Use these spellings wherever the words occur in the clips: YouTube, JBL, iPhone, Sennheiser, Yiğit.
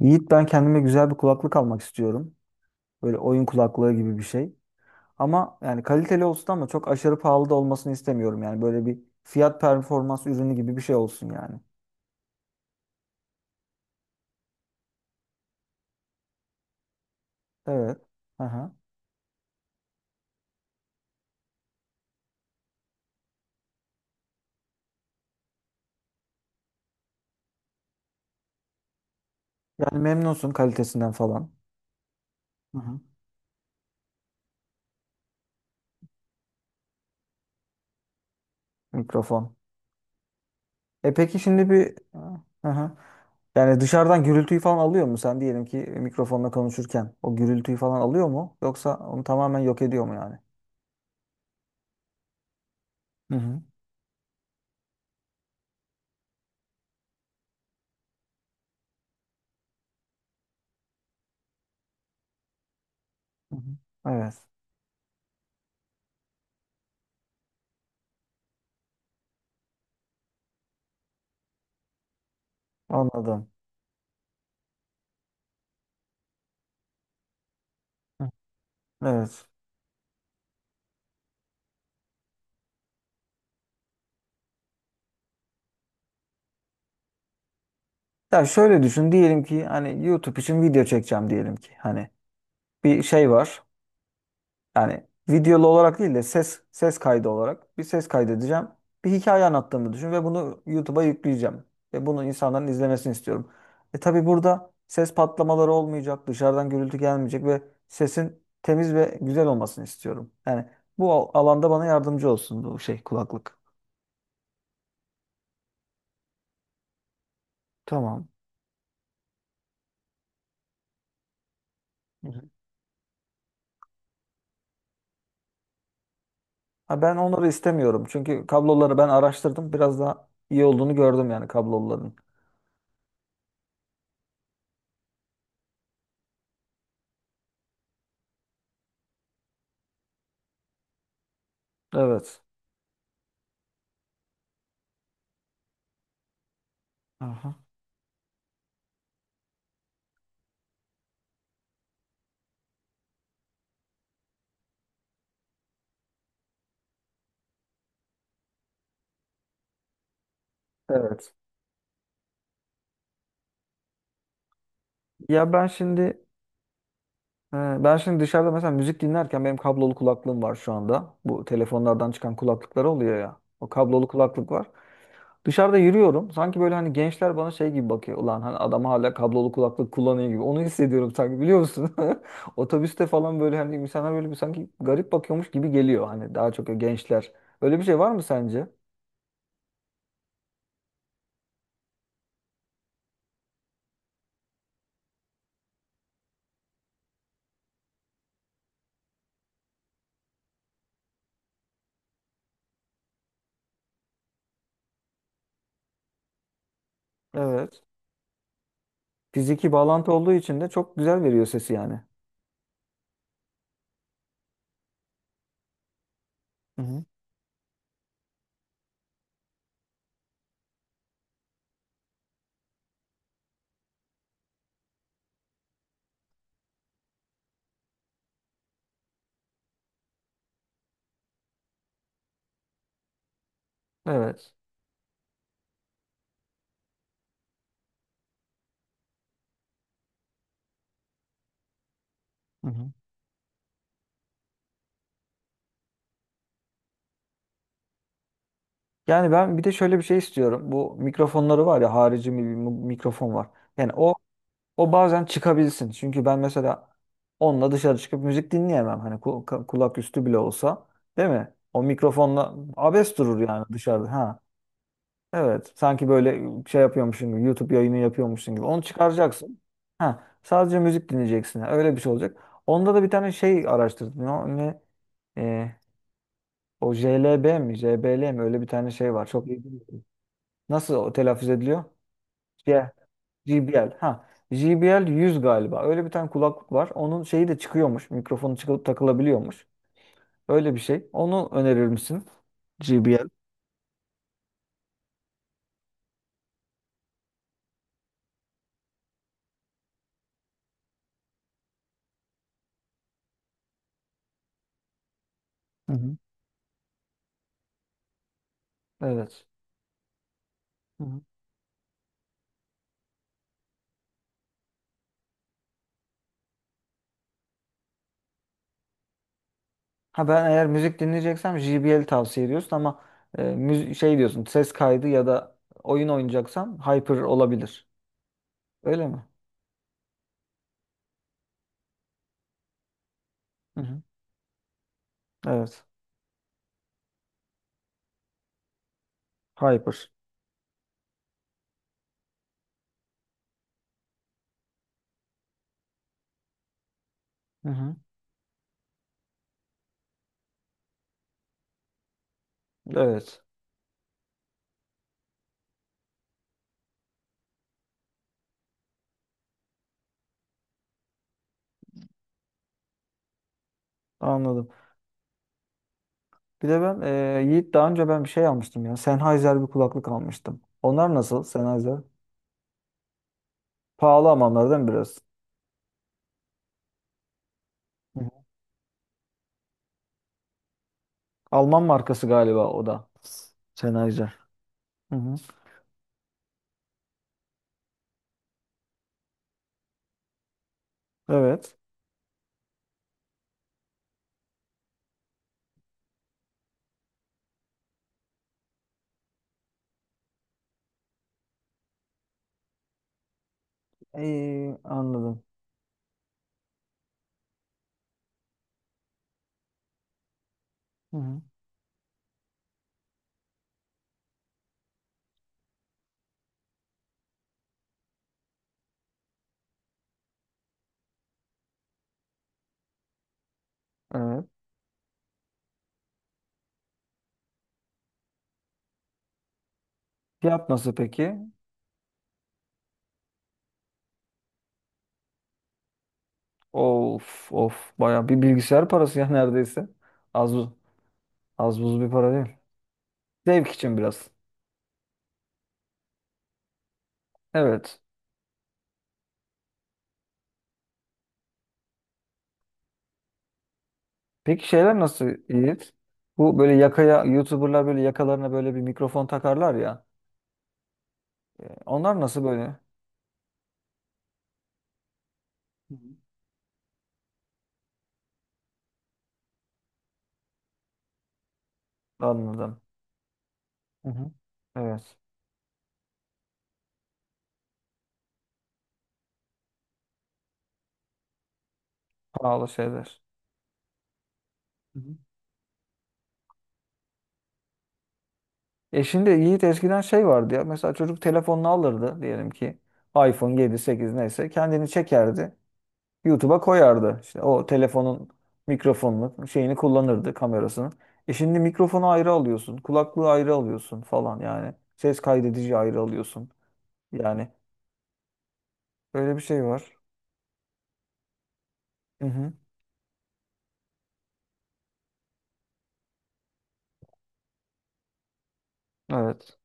Yiğit, ben kendime güzel bir kulaklık almak istiyorum. Böyle oyun kulaklığı gibi bir şey. Ama yani kaliteli olsun ama çok aşırı pahalı da olmasını istemiyorum. Yani böyle bir fiyat performans ürünü gibi bir şey olsun yani. Evet. Aha. Yani memnunsun kalitesinden falan. Hı hı. Mikrofon. E peki şimdi bir aha. Yani dışarıdan gürültüyü falan alıyor mu? Sen diyelim ki mikrofonla konuşurken o gürültüyü falan alıyor mu? Yoksa onu tamamen yok ediyor mu yani? Hı hı. Hı hı. Evet. Anladım. Hı. Evet. Ya şöyle düşün, diyelim ki hani YouTube için video çekeceğim, diyelim ki hani bir şey var, yani videolu olarak değil de ses kaydı olarak bir ses kaydedeceğim, bir hikaye anlattığımı düşün ve bunu YouTube'a yükleyeceğim ve bunu insanların izlemesini istiyorum. E tabii burada ses patlamaları olmayacak, dışarıdan gürültü gelmeyecek ve sesin temiz ve güzel olmasını istiyorum. Yani bu alanda bana yardımcı olsun bu şey kulaklık. Tamam. Ha, ben onları istemiyorum. Çünkü kabloları ben araştırdım. Biraz daha iyi olduğunu gördüm yani kabloların. Evet. Aha. Evet. Ya e, ben şimdi dışarıda mesela müzik dinlerken benim kablolu kulaklığım var şu anda. Bu telefonlardan çıkan kulaklıklar oluyor ya. O kablolu kulaklık var. Dışarıda yürüyorum. Sanki böyle hani gençler bana şey gibi bakıyor. Ulan hani adam hala kablolu kulaklık kullanıyor gibi. Onu hissediyorum sanki, biliyor musun? Otobüste falan böyle hani insanlar böyle bir sanki garip bakıyormuş gibi geliyor. Hani daha çok gençler. Öyle bir şey var mı sence? Evet. Fiziki bağlantı olduğu için de çok güzel veriyor sesi yani. Hı hı. Evet. Hı hı. Yani ben bir de şöyle bir şey istiyorum. Bu mikrofonları var ya, bir mikrofon var. Yani o bazen çıkabilsin. Çünkü ben mesela onunla dışarı çıkıp müzik dinleyemem. Hani kulak üstü bile olsa, değil mi? O mikrofonla abes durur yani dışarıda. Ha. Evet. Sanki böyle şey yapıyormuşsun gibi, YouTube yayını yapıyormuşsun gibi. Onu çıkaracaksın. Ha, sadece müzik dinleyeceksin. Öyle bir şey olacak. Onda da bir tane şey araştırdım. Ne e, o JLB mi, JBL mi? Öyle bir tane şey var. Çok iyi bilmiyorum. Nasıl o telaffuz ediliyor? J, JBL. Ha, JBL 100 galiba. Öyle bir tane kulaklık var. Onun şeyi de çıkıyormuş. Mikrofonu çıkıp takılabiliyormuş. Öyle bir şey. Onu önerir misin? JBL. Hı hı. Evet. Ha, ben eğer müzik dinleyeceksem JBL tavsiye ediyorsun, ama şey diyorsun ses kaydı ya da oyun oynayacaksam Hyper olabilir. Öyle mi? Hı hı. Evet. Hyper. Hı hı. Evet. Anladım. Bir de ben Yiğit daha önce ben bir şey almıştım ya. Sennheiser bir kulaklık almıştım. Onlar nasıl, Sennheiser? Pahalı ama onlar, değil mi, biraz? Hı hı. Alman markası galiba o da. Sennheiser. Hı hı. Evet. İyi, anladım. Hı hı. Evet. Fiyat nasıl peki? Of of, bayağı bir bilgisayar parası ya neredeyse. Az buz, az buz bir para değil. Zevk için biraz. Evet. Peki şeyler nasıl Yiğit? Bu böyle yakaya, YouTuber'lar böyle yakalarına böyle bir mikrofon takarlar ya. Onlar nasıl böyle? Hı hı. Anladım. Hı hı. Evet. Pahalı şeyler. Hı hı. E şimdi Yiğit, eskiden şey vardı ya. Mesela çocuk telefonunu alırdı, diyelim ki iPhone 7 8 neyse, kendini çekerdi. YouTube'a koyardı. İşte o telefonun mikrofonunu, şeyini kullanırdı, kamerasını. E şimdi mikrofonu ayrı alıyorsun, kulaklığı ayrı alıyorsun falan yani. Ses kaydedici ayrı alıyorsun. Yani öyle bir şey var. Hı hı. Evet.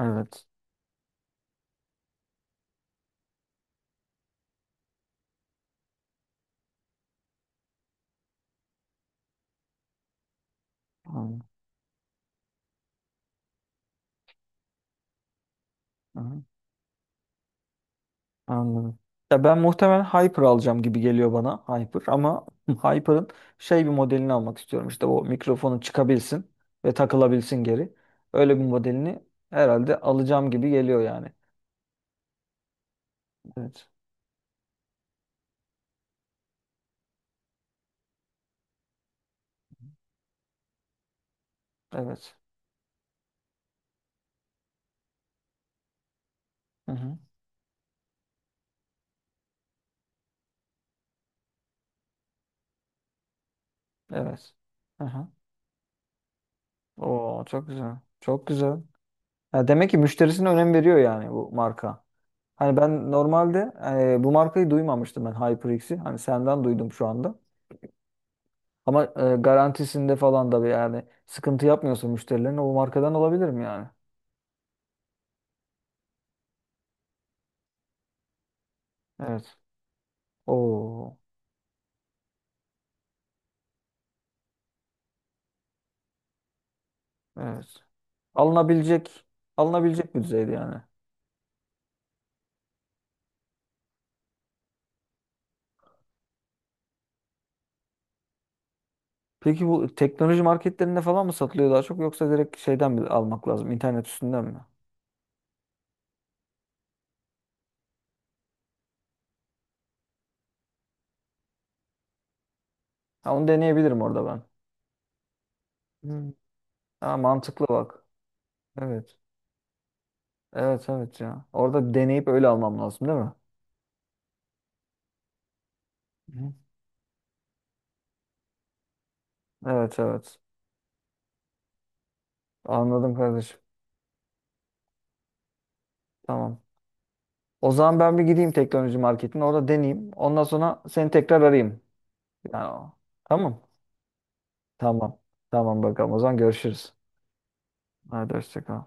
Evet. Anladım. Hı hı. Anladım. Ya ben muhtemelen Hyper alacağım gibi geliyor bana. Hyper, ama Hyper'ın şey bir modelini almak istiyorum. İşte o, mikrofonu çıkabilsin ve takılabilsin geri. Öyle bir modelini herhalde alacağım gibi geliyor yani. Evet. Evet. Hı hı. Evet. Hı hı. Oo, çok güzel. Çok güzel. Ya demek ki müşterisine önem veriyor yani bu marka. Hani ben normalde bu markayı duymamıştım ben, HyperX'i. Hani senden duydum şu anda. Ama garantisinde falan da bir yani sıkıntı yapmıyorsa müşterilerine, o markadan olabilir mi yani? Evet. Oo, evet. Alınabilecek alınabilecek bir düzeyde yani. Peki bu teknoloji marketlerinde falan mı satılıyor daha çok, yoksa direkt şeyden mi almak lazım? İnternet üstünden mi? Ha, onu deneyebilirim orada ben. Hmm. Ha, mantıklı bak. Evet. Evet evet ya. Orada deneyip öyle almam lazım, değil mi? Hı. Evet evet. Anladım kardeşim. Tamam. O zaman ben bir gideyim teknoloji marketine. Orada deneyeyim. Ondan sonra seni tekrar arayayım. Yani o- Tamam. Tamam. Tamam bakalım. O zaman görüşürüz. Hadi hoşça kal.